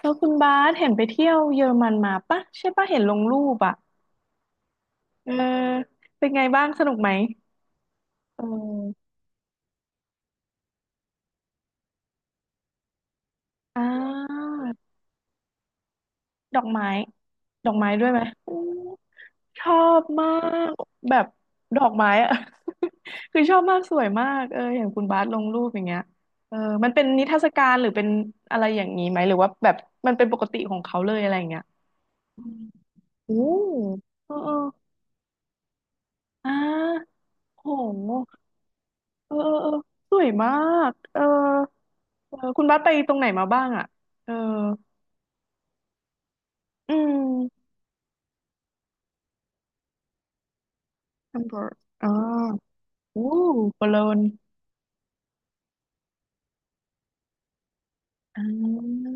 แล้วคุณบาสเห็นไปเที่ยวเยอรมันมาปะใช่ปะเห็นลงรูปอ่ะเออเป็นไงบ้างสนุกไหมเอออ่าดอกไม้ดอกไม้ด้วยไหมอืมชอบมากแบบดอกไม้อ่ะ คือชอบมากสวยมากเออเห็นคุณบาสลงรูปอย่างเงี้ยเออมันเป็นนิทรรศการหรือเป็นอะไรอย่างนี้ไหมหรือว่าแบบมันเป็นปกติของเขาเลยอะไรอย่างเงี้ยอืมโอ้เออเอออ่าโห เออเออเออสวยมากเออเออคุณบัสไปตรงไหนมาบ้างอ่ะเอออืมแฮมเบอร์กอ๋อโอ้โคโลนอ่า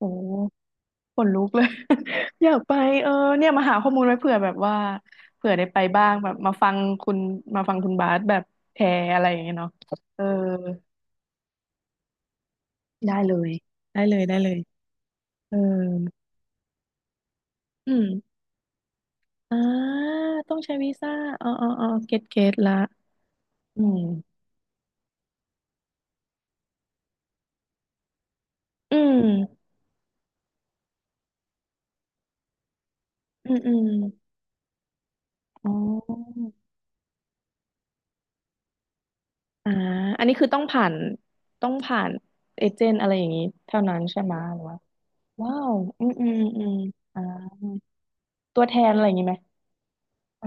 โอ้ขนลุกเลย อยากไปเออเนี่ยมาหาข้อมูลไว้เผื่อแบบว่าเผื่อได้ไปบ้างแบบมาฟังคุณบาสแบบแชร์อะไรอย่างเงี้ยเนาะเออได้เลยได้เลยเอออืมอ่าต้องใช้วีซ่าอ๋ออ๋ออ๋อเก็ตเก็ตละอืมอืม อืมอืมอ๋ออ่าอันนี้คือต้องผ่านเอเจนต์อะไรอย่างนี้เท่านั้นใช่ไหมหรือว่าว้าวอืมอืมอืมอ่าตัวแทนอะไรอย่างนี้ไหมอ่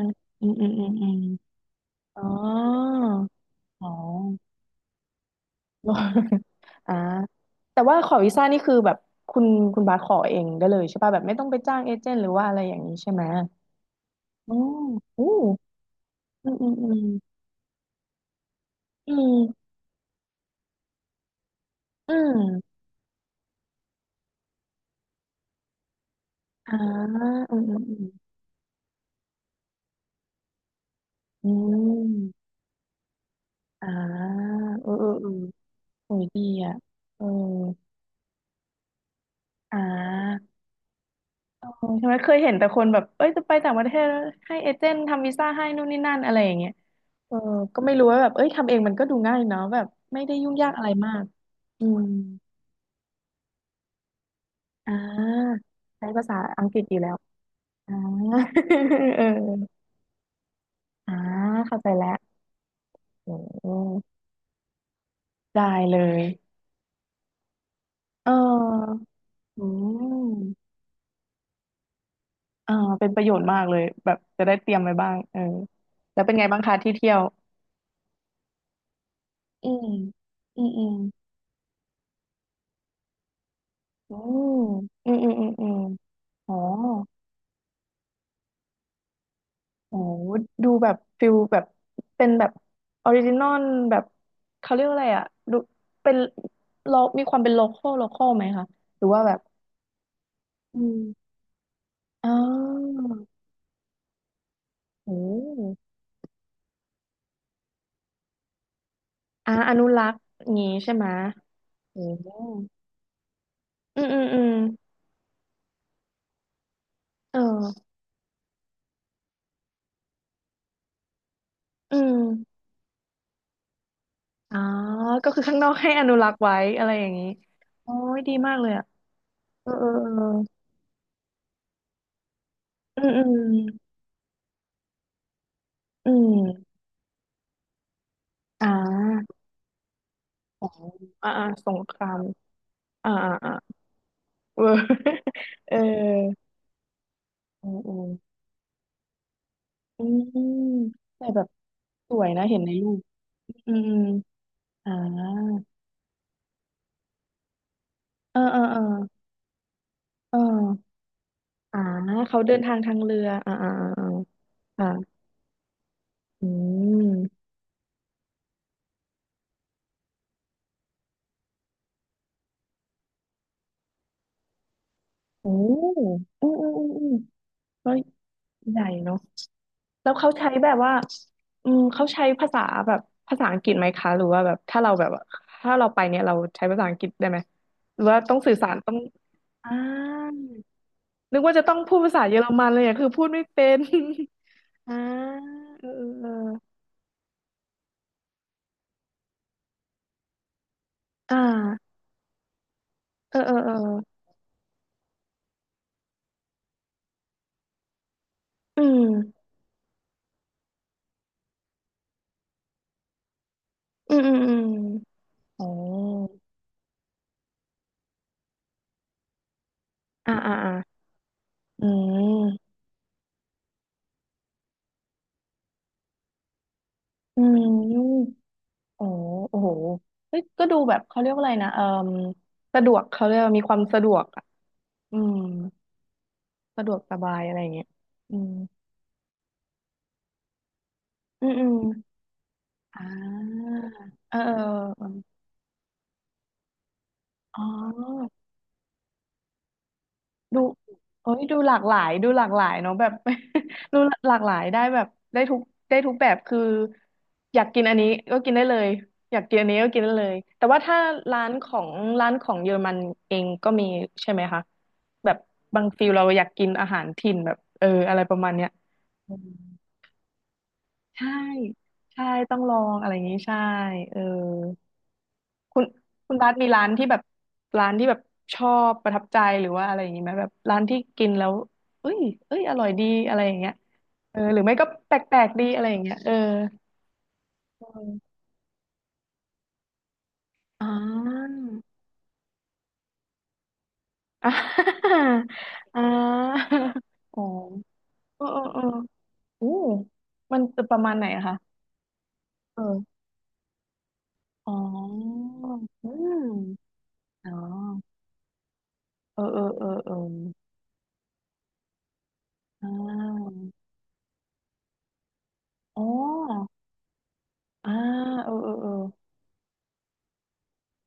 าอืมอืมอืมอืมอ๋ออ๋อ อ่าแต่ว่าขอวีซ่านี่คือแบบคุณคุณบาสขอเองได้เลยใช่ป่ะแบบไม่ต้องไปจ้างเอเจนต์หรือว่าอะไรอย่างนี้ใช่ไหมอ๋ออู้อืมอืมอืมอืมอืมอ่าอืมอืมอืม อืมอ่าเออเออ เออ โอ้ยดีอ่ะเอออ่าเออใช่ไหมเคยเห็นแต่คนแบบเอ้ยจะไปต่างประเทศแล้วให้เอเจนต์ทำวีซ่าให้นู่นนี่นั่นอะไรอย่างเงี้ยเออก็ไม่รู้ว่าแบบเอ้ยทำเองมันก็ดูง่ายเนาะแบบไม่ได้ยุ่งยากอะไรมาก อืมอ่าใช้ภาษาอังกฤษอยู่แล้ว อ่า เอออ่าเข้าใจแล้วอืมได้เลยเอออืม อ่าเป็นประโยชน์มากเลยแบบจะได้เตรียมไว้บ้างเออแล้วเป็นไงบ้างคะที่เที่ยวอืมอืมอืมอืมอืมอืมอืมอืมอ๋อโอ้ดูแบบฟิลแบบเป็นแบบออริจินอลแบบเขาเรียกว่าอะไรอ่ะดูเป็นโลมีความเป็นโลคอลไหมคะหรือว่าแบบอืมอ๋อโอ้โอ่าอนุรักษ์งี้ใช่ไหมะโอ้โอืมอืมอืมเอออืม อ๋อก็คือข้างนอกให้อนุรักษ์ไว้อะไรอย่างนี้โอ้ยดีมากเลยอ่ะเออเออเอออืมอืมอืมอ่าอ๋ออ่าอ่าสงครามอ่าอ่าอ่าเออ เอออืมอืมอืมแต่แบบสวยนะเห็นในรูปอืมอืมอ่าเออเออเออเอออ่าเขาเดินทางทางเรืออ่าอ่าอ่าอ่าค่ะอืมโอ้อืมอืมอืมอืมก็ใหญ่เนาะ แล้วเขาใช้แบบว่าอืมเขาใช้ภาษาแบบภาษาอังกฤษไหมคะหรือว่าแบบถ้าเราแบบว่าถ้าเราไปเนี่ยเราใช้ภาษาอังกฤษได้ไหมหรือว่าต้องสื่อสารต้องอ่านึกว่าจะต้องพูดภาษาเยอรมันเลยอะคือพูดไม่เป็น อ่า เออเออเอออ่าเออเออเอออืมอืมอืมอืมอ๋ออ่าอ่าอ่าอืมอืมโอ้โอ้โหเฮ้ยก็ดูแบบเขาเรียกว่าอะไรนะเออสะดวกเขาเรียกว่ามีความสะดวกอ่ะอืม สะดวกสบายอะไรอย่างเงี้ยอืมอืมอืมอ่าเออเออเอออ๋อ ดูเอ้ยดูหลากหลายดูหลากหลายเนาะแบบ ดูหลากหลายได้แบบได้ทุกได้ทุกแบบคืออยากกินอันนี้ก็กินได้เลยอยากกินอันนี้ก็กินได้เลยแต่ว่าถ้าร้านของร้านของเยอรมันเองก็มีใช่ไหมคะแบบบางฟิลเราอยากกินอาหารถิ่นแบบเอออะไรประมาณเนี้ยอืมใช่ใช่ต้องลองอะไรอย่างนี้ใช่เออ คุณคุณบาสมีร้านที่แบบร้านที่แบบชอบประทับใจหรือว่าอะไรอย่างนี้ไหมแบบร้านที่กินแล้วเอ้ยเอ้ยอร่อยดีอะไรอย่างเงี้ยเออหรือไม่ก็แปลกๆดีอะไรอย่างเงี้ยเออเอออ๋ออ่า อ่าอ๋อเออเออเอออู้มันจะประมาณไหนอะคะเอออ๋ออืมอ๋อเออเออเออเอออ่าอ๋ออ่าเออเออเออ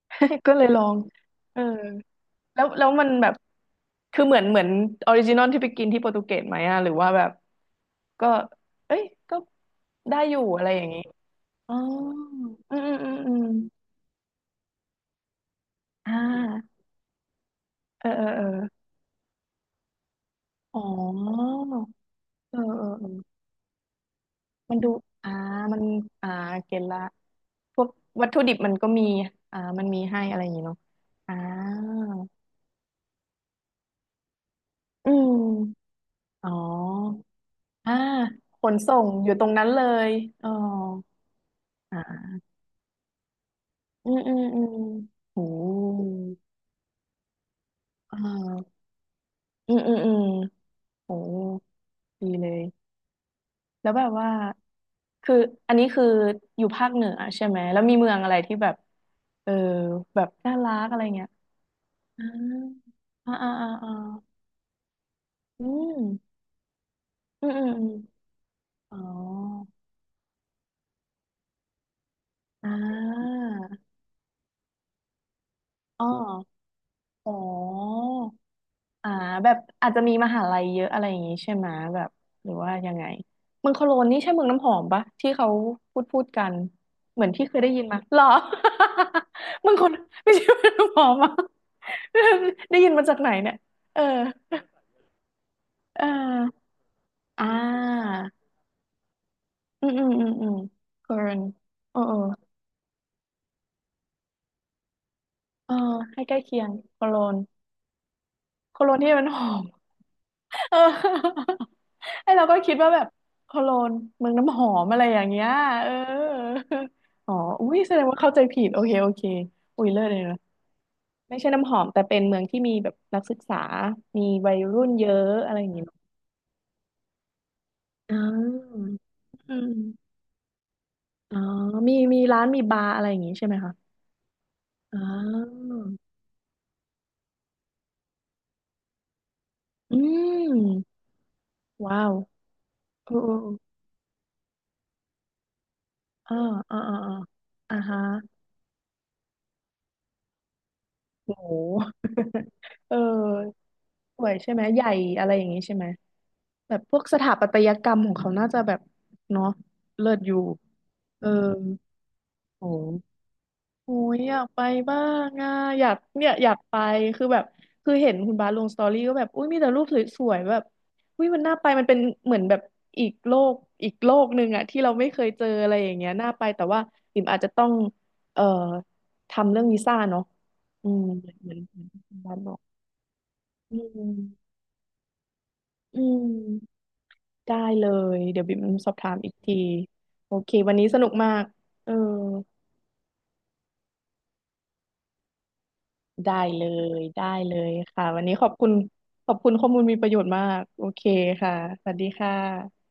ก็เลยลองเออแล้วมันแบบคือเหมือนออริจินอลที่ไปกินที่โปรตุเกสไหมอะหรือว่าแบบก็เอ้ยก็ได้อยู่อะไรอย่างนี้อ๋ออืมอืมอืมอมอ่าเออเออเอออ๋อเออเออเออมันดูอ่ามันอ่าเก็ตละพวกวัตถุดิบมันก็มีอ่ามันมีให้อะไรอย่างนี้เนาะอ่าอืมอ๋ออ่าขนส่งอยู่ตรงนั้นเลยอ๋อ อ่าอืมอืมอืมโหอ่าอืมอืมอืมโหดีเลยแล้วแบบว่าคืออันนี้คืออยู่ภาคเหนือใช่ไหมแล้วมีเมืองอะไรที่แบบเออแบบน่ารักอะไรเงี้ยอ่าอ่าอ่าอ่าอาอืมอืมอืมอมอ๋ออ่าอ๋ออ๋อ อ่าแบบอาจจะมีมหาลัยเยอะอะไรอย่างงี้ใช่ไหมแบบหรือว่ายังไงเมืองโคโลนนี่ใช่เมืองน้ำหอมปะที่เขาพูดกันเหมือนที่เคยได้ยินมาหรอ เมือ งโคนไม่ใช่เมืองน้ำหอมอ่ะ ได้ยินมาจากไหนเนี่ยเออเอออ่าอืมอืมอืมอืมโคโลนเออเออเออให้ใกล้เคียงโคโลนโคโลนที่มันหอม เออ ไอเราก็คิดว่าแบบโคโลนเมืองน้ำหอมอะไรอย่างเงี้ยเอออ๋ออุ้ยแสดงว่าเข้าใจผิดโอเคโอเคอุ้ยเลิศเลยนะไม่ใช่น้ำหอมแต่เป็นเมืองที่มีแบบนักศึกษา มีวัยรุ่นเยอะอะไรอย่างเงี้เอะอ่าอืมอ๋อมีมีร้านมีบาร์อะไรอย่างงี้ใช่ไหมคะอ๋ออืมว้าวโอ้โอ้าอ่าอ่าอ่าอ่าฮะโห เออ สวยใช่ไหมใหญ่อะไรอย่างนี้ใช่ไหมแบบพวกสถาปัตยกรรมของเขาน่าจะแบบเนาะเลิศอยู่เออโอ้โหโอ้ยอยากไปบ้างอ่ะอยากเนี่ยอยากไปคือแบบคือเห็นคุณบาสลงสตอรี่ก็แบบอุ้ยมีแต่รูปสวยๆแบบอุ้ยมันน่าไปมันเป็นเหมือนแบบอีกโลกอีกโลกหนึ่งอ่ะที่เราไม่เคยเจออะไรอย่างเงี้ยน่าไปแต่ว่าปิ่มอาจจะต้องเอ่อทำเรื่องวีซ่าเนาะอืมเหมือนคุณบาสบอกอืมอืม ได้เลยเดี๋ยวบิ่มสอบถามอีกทีโอเควันนี้สนุกมากเออได้เลยได้เลยค่ะวันนี้ขอบคุณขอบคุณข้อมูลมีประโยชน์มากโอเคค่ะสวัสดีค่ะ